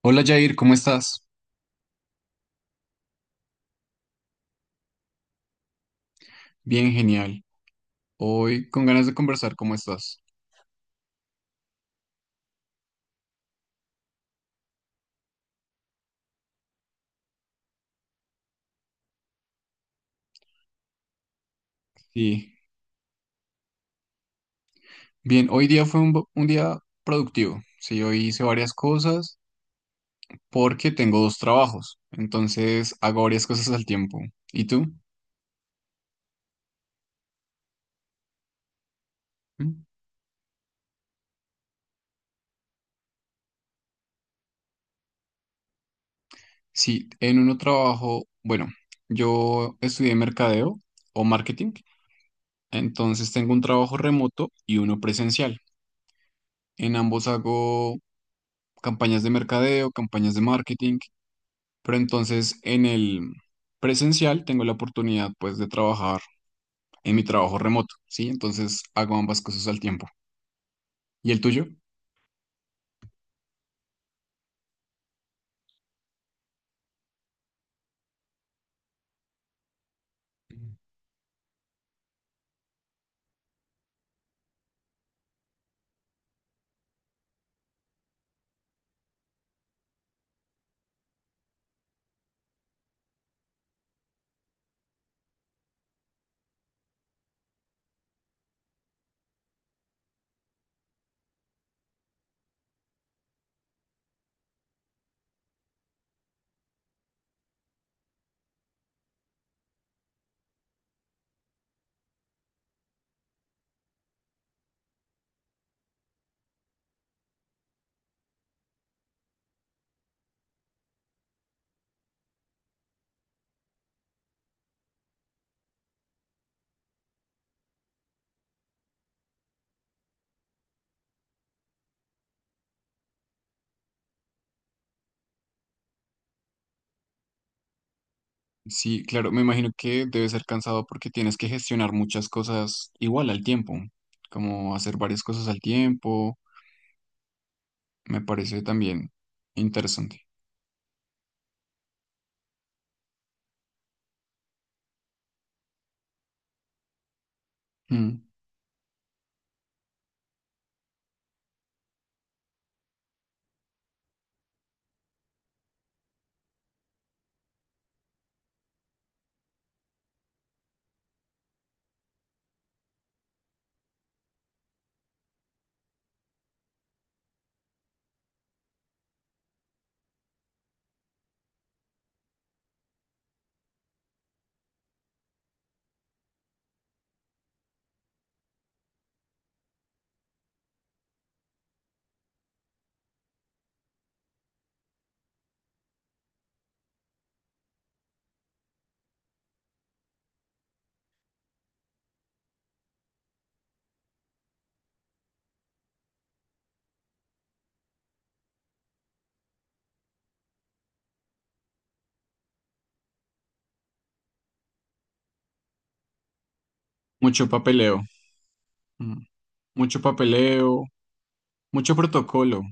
Hola Jair, ¿cómo estás? Bien, genial. Hoy con ganas de conversar, ¿cómo estás? Sí, bien, hoy día fue un día productivo. Sí, hoy hice varias cosas porque tengo dos trabajos, entonces hago varias cosas al tiempo. ¿Y tú? ¿Mm? Sí, en uno trabajo, bueno, yo estudié mercadeo o marketing, entonces tengo un trabajo remoto y uno presencial. En ambos hago campañas de mercadeo, campañas de marketing. Pero entonces en el presencial tengo la oportunidad pues de trabajar en mi trabajo remoto, ¿sí? Entonces hago ambas cosas al tiempo. ¿Y el tuyo? Sí, claro, me imagino que debe ser cansado porque tienes que gestionar muchas cosas igual al tiempo, como hacer varias cosas al tiempo, me parece también interesante. Mm. Mucho papeleo, mm. Mucho papeleo, mucho protocolo.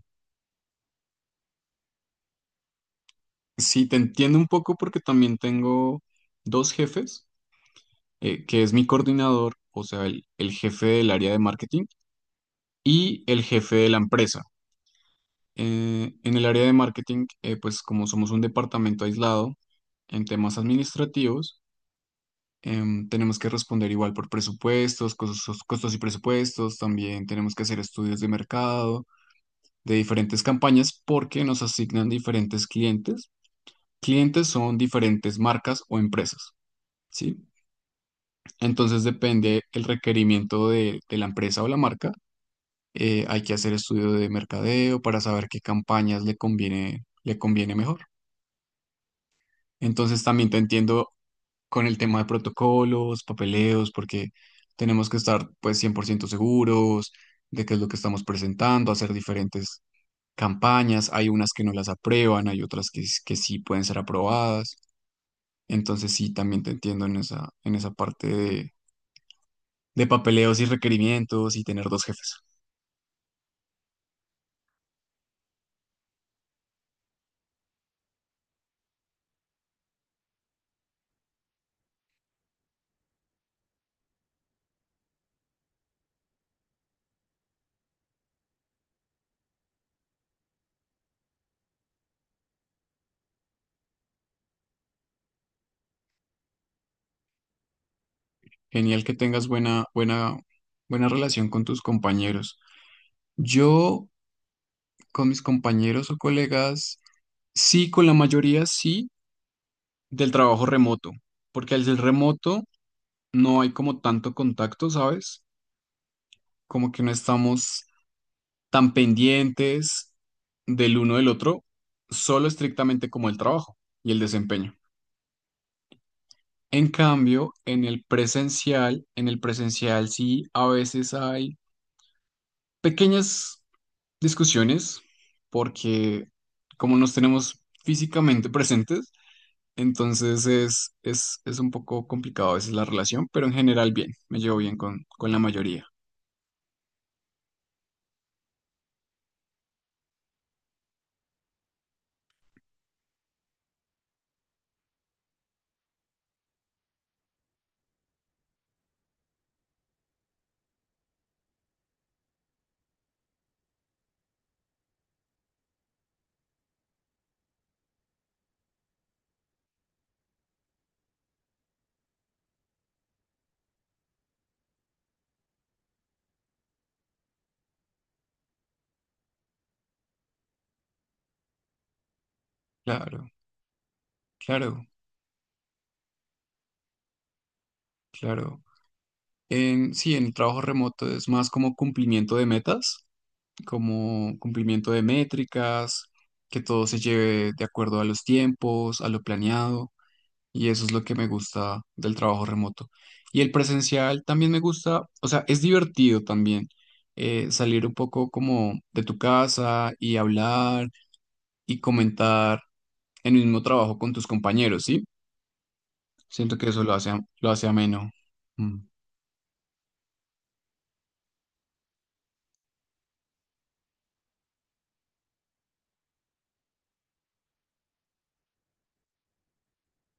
Sí, te entiendo un poco porque también tengo dos jefes, que es mi coordinador, o sea, el jefe del área de marketing y el jefe de la empresa. En el área de marketing, pues como somos un departamento aislado en temas administrativos, tenemos que responder igual por presupuestos, costos, costos y presupuestos, también tenemos que hacer estudios de mercado, de diferentes campañas, porque nos asignan diferentes clientes. Clientes son diferentes marcas o empresas, ¿sí? Entonces depende el requerimiento de la empresa o la marca, hay que hacer estudio de mercadeo para saber qué campañas le conviene mejor. Entonces también te entiendo con el tema de protocolos, papeleos, porque tenemos que estar pues 100% seguros de qué es lo que estamos presentando, hacer diferentes campañas. Hay unas que no las aprueban, hay otras que sí pueden ser aprobadas. Entonces sí, también te entiendo en esa, en esa parte de papeleos y requerimientos y tener dos jefes. Genial que tengas buena relación con tus compañeros. Yo con mis compañeros o colegas, sí, con la mayoría sí, del trabajo remoto, porque al ser remoto no hay como tanto contacto, ¿sabes? Como que no estamos tan pendientes del uno del otro, solo estrictamente como el trabajo y el desempeño. En cambio, en el presencial sí, a veces hay pequeñas discusiones porque como nos tenemos físicamente presentes, entonces es un poco complicado a veces la relación, pero en general bien, me llevo bien con la mayoría. Claro, claro, claro. Sí, en el trabajo remoto es más como cumplimiento de metas, como cumplimiento de métricas, que todo se lleve de acuerdo a los tiempos, a lo planeado. Y eso es lo que me gusta del trabajo remoto. Y el presencial también me gusta, o sea, es divertido también, salir un poco como de tu casa y hablar y comentar el mismo trabajo con tus compañeros, ¿sí? Siento que eso lo hace, lo hace ameno. Mm.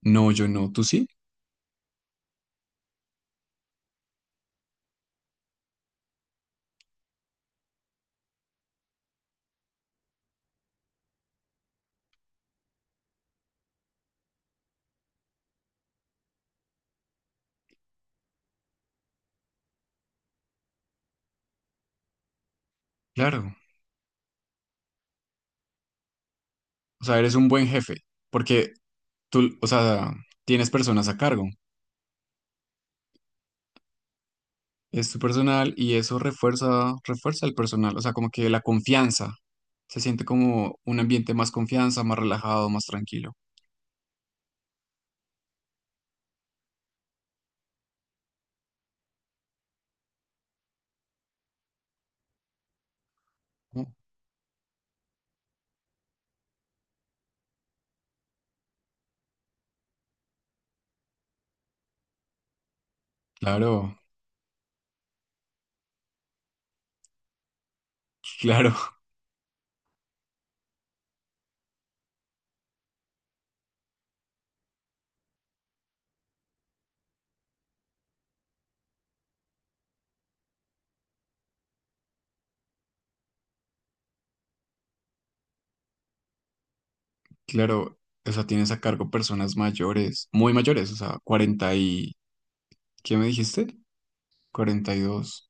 No, yo no, tú sí, claro. O sea, eres un buen jefe porque tú, o sea, tienes personas a cargo. Es tu personal y eso refuerza el personal, o sea, como que la confianza, se siente como un ambiente más confianza, más relajado, más tranquilo. Oh, claro, claro, claro, o sea, tienes a cargo personas mayores, muy mayores, o sea, 40 y, ¿qué me dijiste? 42.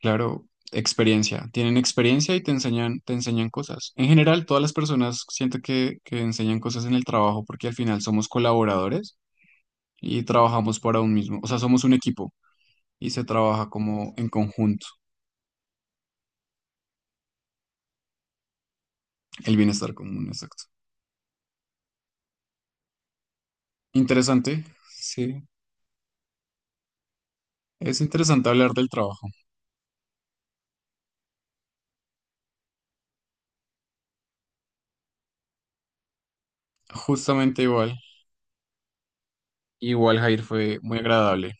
Claro. Experiencia, tienen experiencia y te enseñan cosas. En general, todas las personas siento que enseñan cosas en el trabajo porque al final somos colaboradores y trabajamos para un mismo, o sea, somos un equipo. Y se trabaja como en conjunto, el bienestar común, exacto. Interesante, sí, es interesante hablar del trabajo. Justamente igual Jair fue muy agradable.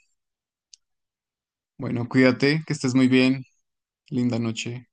Bueno, cuídate, que estés muy bien, linda noche.